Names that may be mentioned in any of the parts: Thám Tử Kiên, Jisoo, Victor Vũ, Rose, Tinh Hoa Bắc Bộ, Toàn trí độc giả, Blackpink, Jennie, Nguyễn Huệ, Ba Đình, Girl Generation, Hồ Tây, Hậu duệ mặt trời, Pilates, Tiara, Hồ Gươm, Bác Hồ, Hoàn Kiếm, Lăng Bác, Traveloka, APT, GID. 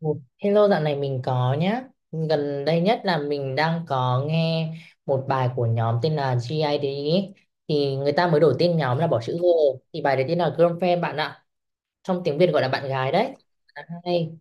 Ồ, hello, dạo này mình có nhá. Gần đây nhất là mình đang có nghe một bài của nhóm tên là GID ấy. Thì người ta mới đổi tên nhóm là bỏ chữ G. Thì bài đấy tên là Girlfriend bạn ạ. Trong tiếng Việt gọi là bạn gái đấy. Hay.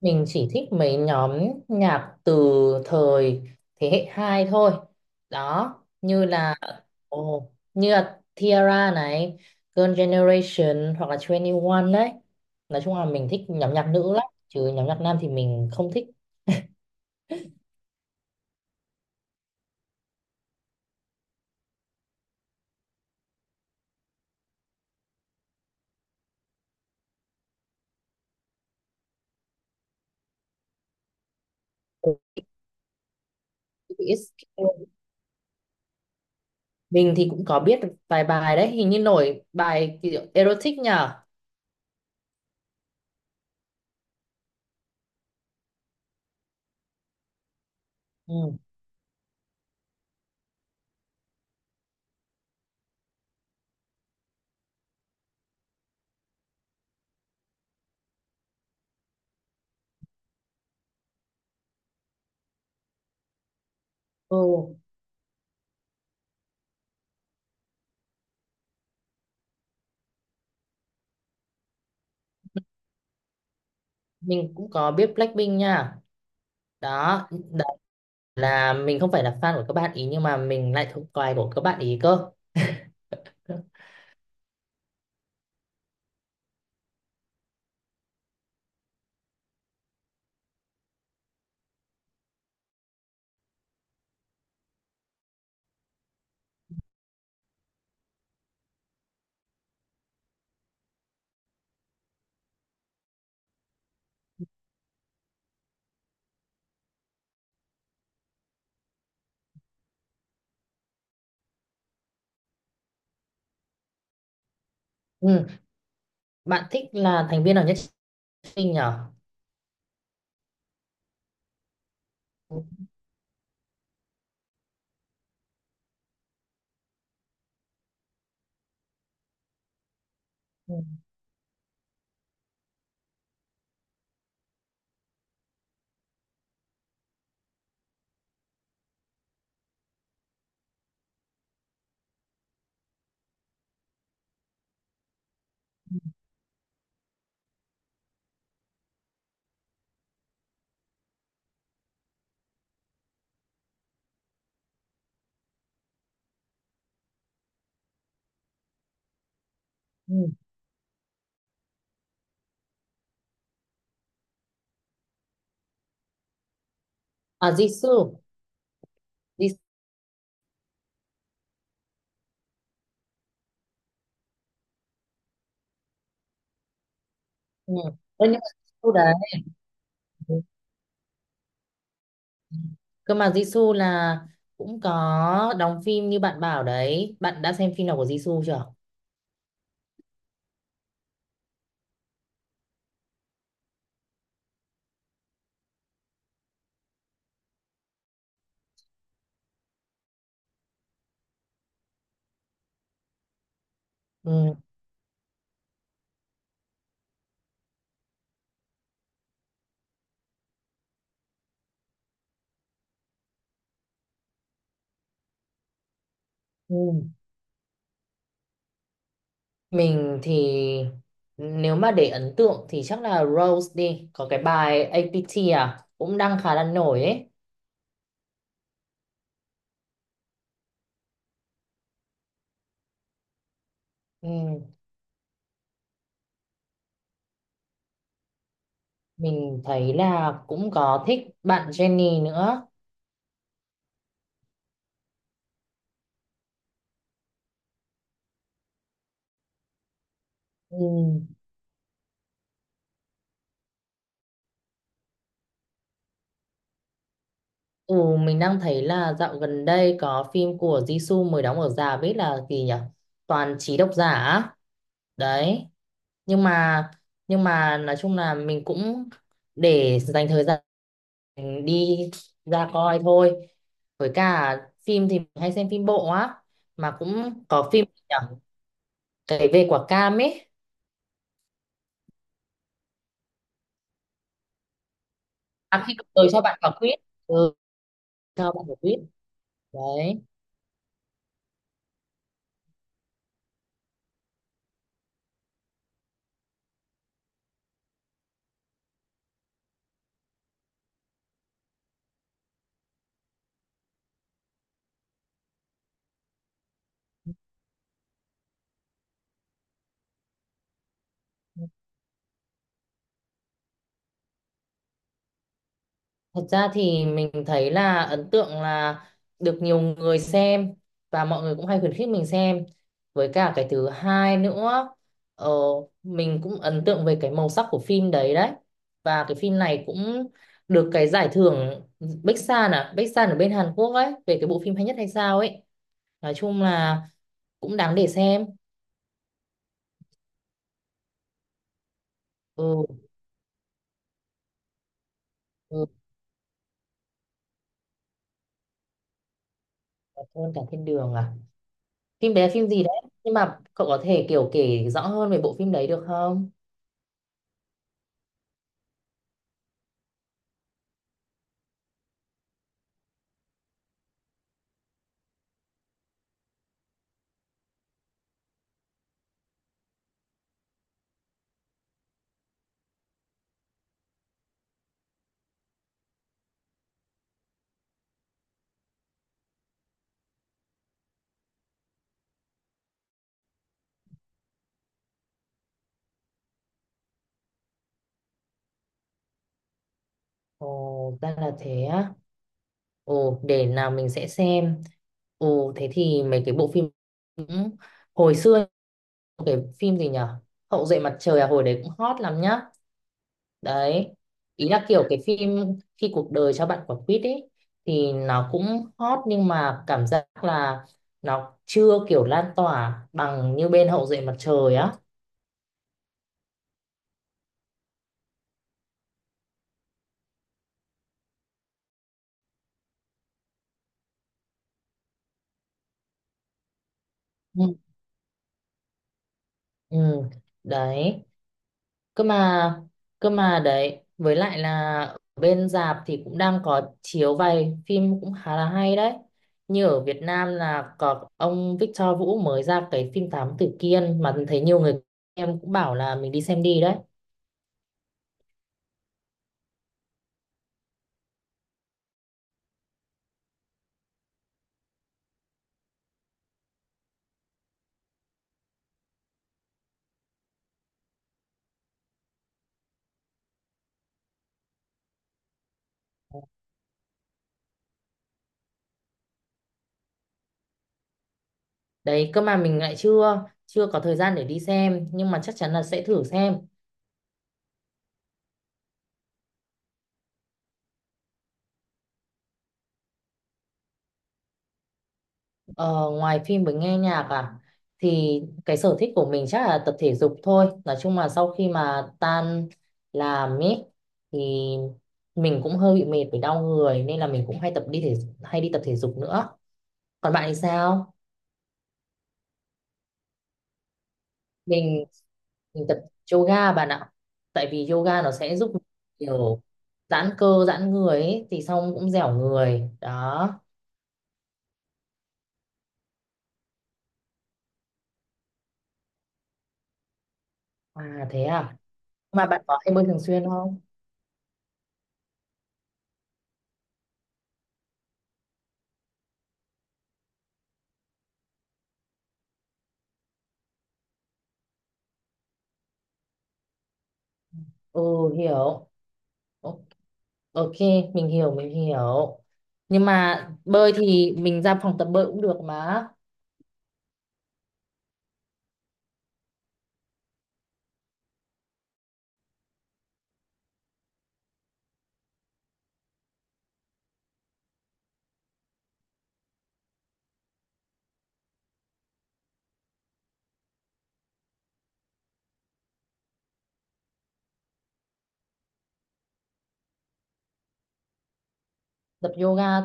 Mình chỉ thích mấy nhóm nhạc từ thời thế hệ 2 thôi. Đó, như là như là Tiara này, Girl Generation hoặc là 21 đấy. Nói chung là mình thích nhóm nhạc nữ lắm, chứ nhóm nhạc nam thì mình không thích. Ồ, mình thì cũng có biết vài bài đấy, hình như nổi bài kiểu erotic nhở. Ừ. Ừ. Mình cũng có biết Blackpink nha. Đó, là mình không phải là fan của các bạn ý nhưng mà mình lại thuộc bài của các bạn ý cơ. Ừ, bạn thích là thành viên nào nhất sinh nhỉ? Ừ. Ừ, ừ. À, Jisoo. Jisoo. Ừ. Ơ, nhưng mà Jisoo đấy. Ừ, cơ mà Jisoo là cũng có đóng phim như bạn bảo đấy, bạn đã xem phim nào của Jisoo chưa? Ừ. Ừ, mình thì nếu mà để ấn tượng thì chắc là Rose đi, có cái bài APT à, cũng đang khá là nổi ấy. Ừ. Mình thấy là cũng có thích bạn Jennie nữa. Ừ. Ừ, mình đang thấy là dạo gần đây có phim của Jisoo mới đóng ở rạp, biết là gì nhỉ? Toàn trí độc giả á. Đấy. Nhưng mà nói chung là mình cũng để dành thời gian đi ra coi thôi. Với cả phim thì mình hay xem phim bộ á, mà cũng có phim gì nhỉ? Cái về quả cam ấy. À, khi cậu- tôi cho bạn quả quýt. Ừ, cho bạn quả quýt. Đấy. Thật ra thì mình thấy là ấn tượng là được nhiều người xem và mọi người cũng hay khuyến khích mình xem. Với cả cái thứ hai nữa, ờ, mình cũng ấn tượng về cái màu sắc của phim đấy đấy. Và cái phim này cũng được cái giải thưởng Bách, à, Bách ở bên Hàn Quốc ấy, về cái bộ phim hay nhất hay sao ấy. Nói chung là cũng đáng để xem. Ừ, ừ, cảm ơn cả thiên đường à. Phim bé phim gì đấy? Nhưng mà cậu có thể kiểu kể rõ hơn về bộ phim đấy được không? Ồ, ra là thế á. Ồ, để nào mình sẽ xem. Ồ, thế thì mấy cái bộ phim cũng- hồi xưa cái phim gì nhở, Hậu duệ mặt trời à, hồi đấy cũng hot lắm nhá. Đấy. Ý là kiểu cái phim khi cuộc đời cho bạn quả quýt ấy thì nó cũng hot nhưng mà cảm giác là nó chưa kiểu lan tỏa bằng như bên Hậu duệ mặt trời á. Ừ. Ừ. Đấy. Cơ mà đấy, với lại là ở bên rạp thì cũng đang có chiếu vài phim cũng khá là hay đấy, như ở Việt Nam là có ông Victor Vũ mới ra cái phim Thám Tử Kiên mà thấy nhiều người em cũng bảo là mình đi xem đi đấy. Đấy, cơ mà mình lại chưa chưa có thời gian để đi xem nhưng mà chắc chắn là sẽ thử xem. Ờ, ngoài phim với nghe nhạc à, thì cái sở thích của mình chắc là tập thể dục thôi, nói chung là sau khi mà tan làm ấy thì mình cũng hơi bị mệt với đau người nên là mình cũng hay tập đi thể hay đi tập thể dục nữa, còn bạn thì sao? mình, mình tập yoga bạn ạ, tại vì yoga nó sẽ giúp mình kiểu giãn cơ giãn người ấy, thì xong cũng dẻo người đó. À thế à, mà bạn có hay bơi thường xuyên không? Ừ, hiểu. Ok. Ok, mình hiểu, mình hiểu. Nhưng mà bơi thì mình ra phòng tập bơi cũng được mà. Tập yoga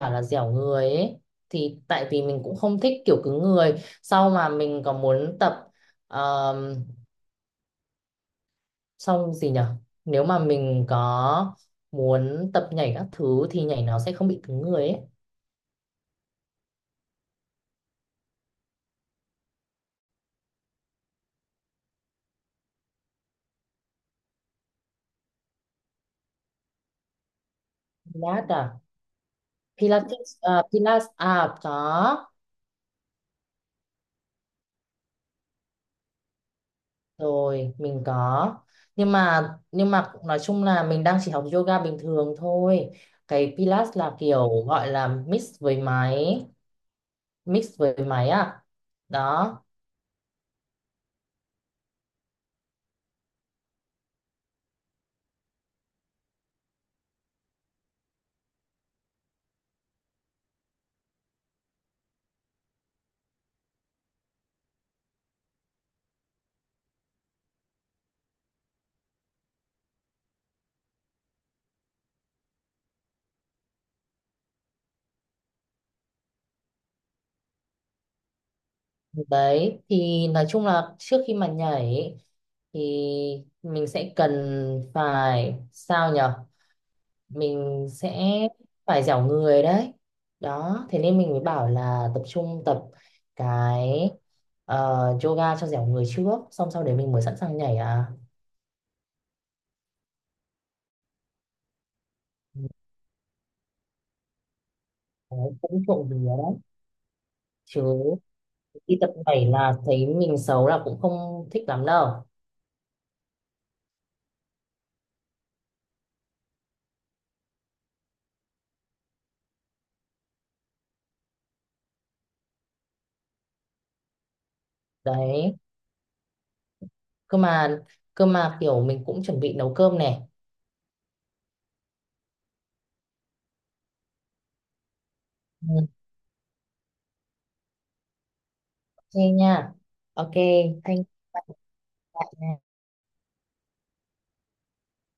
bảo là dẻo người ấy. Thì tại vì mình cũng không thích kiểu cứng người. Sau mà mình có muốn tập um, xong gì nhở? Nếu mà mình có muốn tập nhảy các thứ thì nhảy nó sẽ không bị cứng người ấy. Pilates à? Pilates, à, Pilates à, có. Rồi, mình có, nhưng mà nói chung là mình đang chỉ học yoga bình thường thôi, cái Pilates là kiểu gọi là mix với máy, mix với máy à? Đó. Đấy, thì nói chung là trước khi mà nhảy thì mình sẽ cần phải sao nhở, mình sẽ phải dẻo người đấy, đó thế nên mình mới bảo là tập trung tập cái yoga cho dẻo người trước xong sau đấy mình mới sẵn sàng nhảy à. Đấy, cũng trộm vía đấy. Chứ đi tập nhảy là thấy mình xấu là cũng không thích lắm đâu. Đấy, cơ mà kiểu mình cũng chuẩn bị nấu cơm này. Ừ, ok nha, ok, thank you.